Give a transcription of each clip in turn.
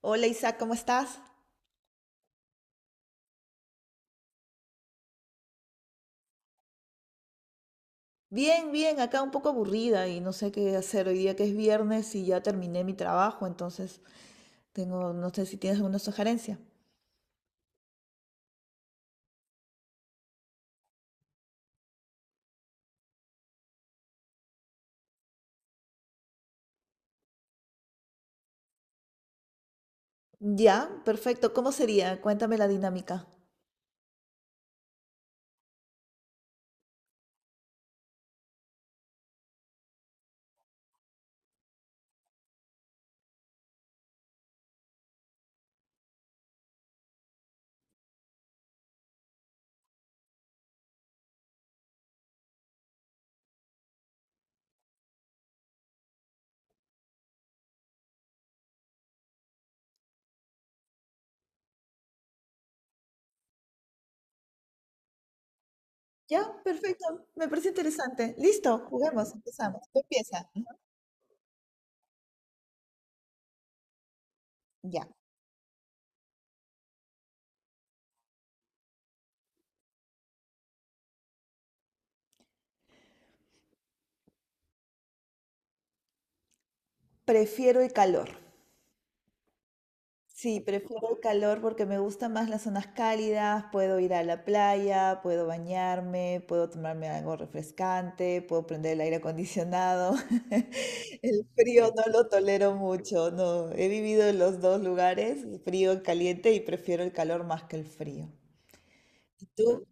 Hola Isaac, ¿cómo estás? Bien, bien, acá un poco aburrida y no sé qué hacer hoy día que es viernes y ya terminé mi trabajo, entonces tengo, no sé si tienes alguna sugerencia. Ya, perfecto, ¿cómo sería? Cuéntame la dinámica. Ya, perfecto, me parece interesante. Listo, juguemos, empezamos. Tú empieza. Ya, prefiero el calor. Sí, prefiero el calor porque me gustan más las zonas cálidas, puedo ir a la playa, puedo bañarme, puedo tomarme algo refrescante, puedo prender el aire acondicionado. El frío no lo tolero mucho, no. He vivido en los dos lugares, frío y caliente, y prefiero el calor más que el frío. ¿Y tú?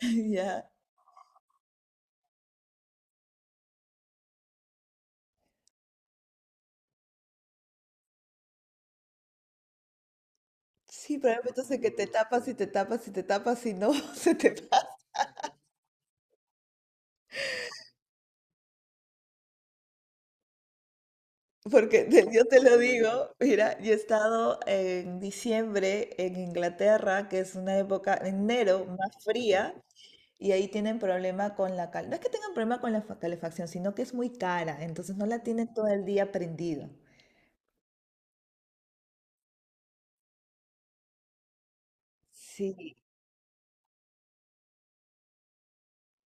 Ya. Sí, probablemente entonces que te tapas y te tapas y te tapas y no se te yo te lo digo, mira, yo he estado en diciembre en Inglaterra, que es una época, enero, más fría, y ahí tienen problema con la cal. No es que tengan problema con la calefacción, sino que es muy cara, entonces no la tienen todo el día prendida. Sí,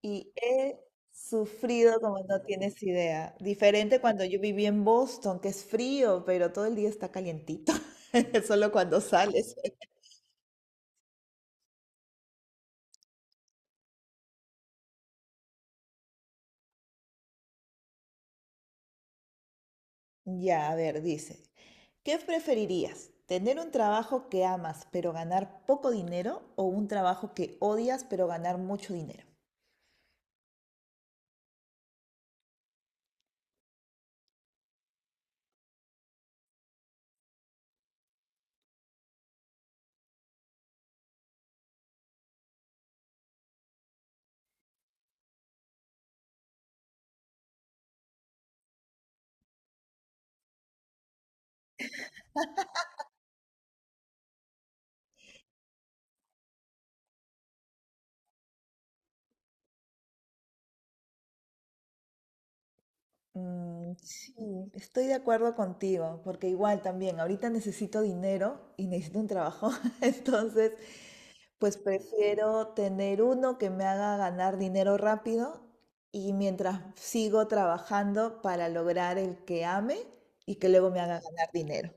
y he sufrido como no tienes idea. Diferente cuando yo viví en Boston, que es frío, pero todo el día está calientito, solo cuando sales. Ya, a ver, dice, ¿qué preferirías? ¿Tener un trabajo que amas pero ganar poco dinero o un trabajo que odias pero ganar mucho dinero? Mm, sí, estoy de acuerdo contigo, porque igual también ahorita necesito dinero y necesito un trabajo, entonces pues prefiero tener uno que me haga ganar dinero rápido y mientras sigo trabajando para lograr el que ame y que luego me haga ganar dinero.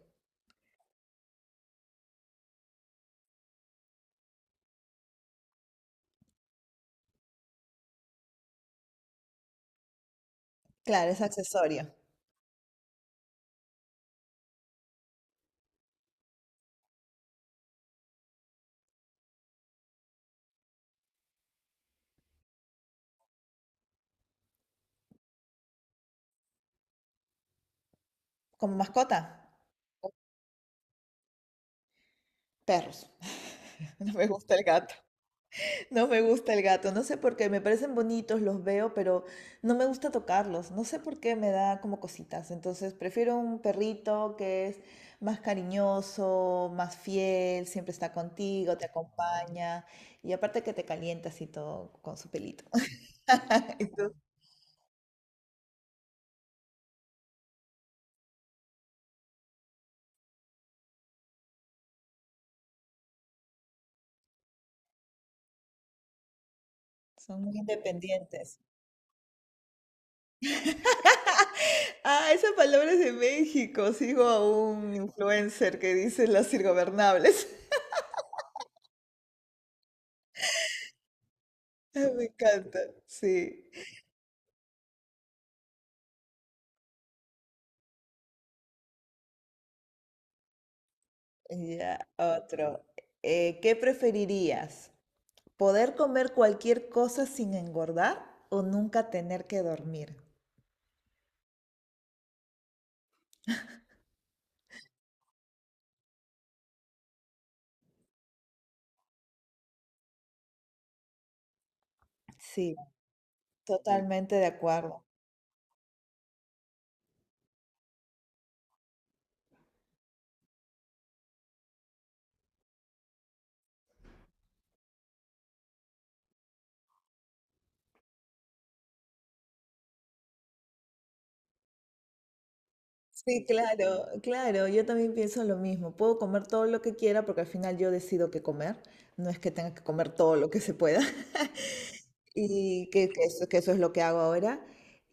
Claro, es accesorio. Como mascota, perros. No me gusta el gato. No me gusta el gato. No sé por qué. Me parecen bonitos, los veo, pero no me gusta tocarlos. No sé por qué me da como cositas. Entonces prefiero un perrito que es más cariñoso, más fiel, siempre está contigo, te acompaña. Y aparte que te calientas y todo con su pelito. Entonces, son muy independientes. Ah, esa palabra es de México. Sigo a un influencer que dice las irgobernables. Ay, me encanta, sí. Ya, otro. ¿Qué preferirías? ¿Poder comer cualquier cosa sin engordar o nunca tener que dormir? Sí, totalmente de acuerdo. Sí, claro, claro, yo también pienso lo mismo. Puedo comer todo lo que quiera porque al final yo decido qué comer. No es que tenga que comer todo lo que se pueda. Y que eso es lo que hago ahora.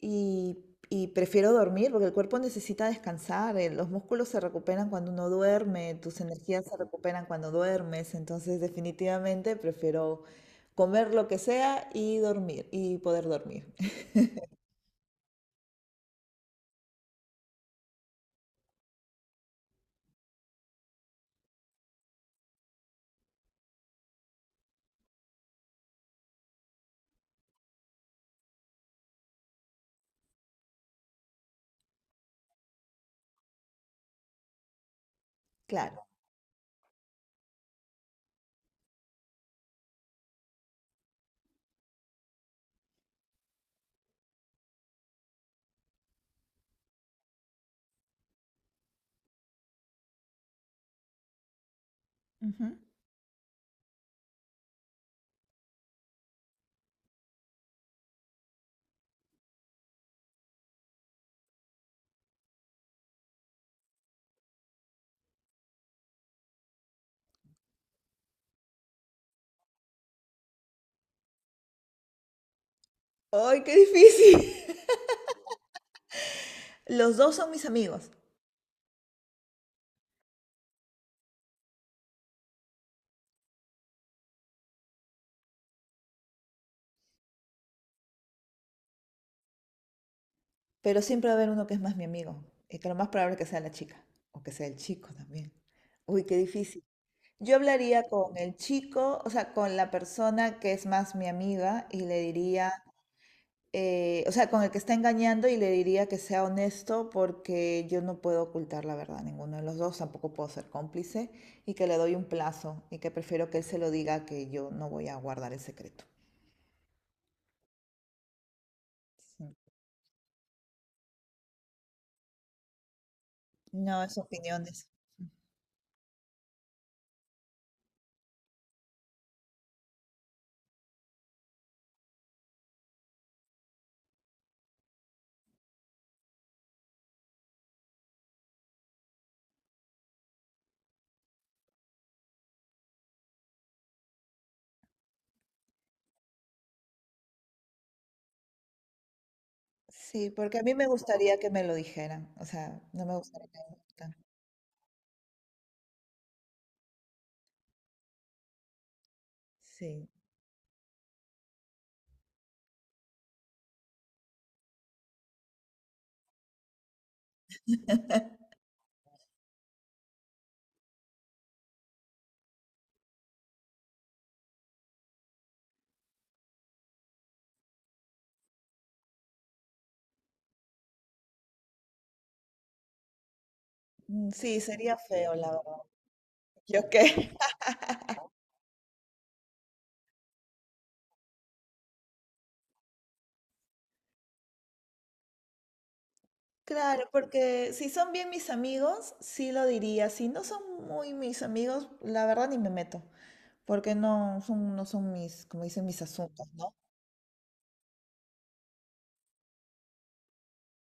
Y, y prefiero dormir porque el cuerpo necesita descansar. Los músculos se recuperan cuando uno duerme, tus energías se recuperan cuando duermes. Entonces, definitivamente prefiero comer lo que sea y dormir y poder dormir. Claro. Ujú. ¡Ay, qué difícil! Los dos son mis amigos, pero siempre va a haber uno que es más mi amigo. Y que lo más probable es que sea la chica o que sea el chico también. Uy, qué difícil. Yo hablaría con el chico, o sea, con la persona que es más mi amiga y le diría, o sea, con el que está engañando y le diría que sea honesto porque yo no puedo ocultar la verdad a ninguno de los dos, tampoco puedo ser cómplice y que le doy un plazo y que prefiero que él se lo diga que yo no voy a guardar el secreto. Sí. No, es opiniones. Sí, porque a mí me gustaría que me lo dijeran, o sea, no me gustaría que me lo ocultaran. Sí, mm, sí, sería feo, la verdad. ¿Yo qué? Claro, porque si son bien mis amigos, sí lo diría. Si no son muy mis amigos, la verdad ni me meto, porque no son, no son mis, como dicen, mis asuntos, ¿no?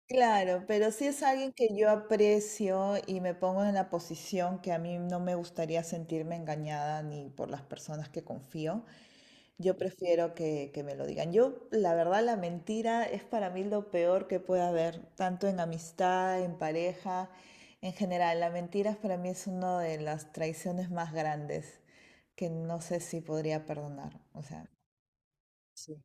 Claro, pero si es alguien que yo aprecio y me pongo en la posición que a mí no me gustaría sentirme engañada ni por las personas que confío, yo prefiero que me lo digan. Yo, la verdad, la mentira es para mí lo peor que puede haber, tanto en amistad, en pareja, en general. La mentira para mí es una de las traiciones más grandes que no sé si podría perdonar. O sea, sí.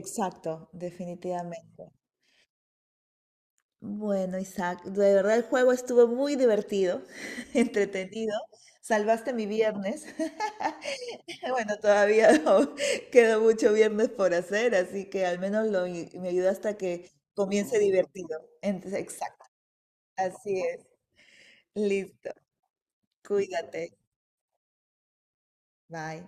Exacto, definitivamente. Bueno, Isaac, de verdad el juego estuvo muy divertido, entretenido. Salvaste mi viernes. Bueno, todavía no, queda mucho viernes por hacer, así que al menos lo, me ayuda hasta que comience divertido. Entonces, exacto, así es. Listo. Cuídate. Bye.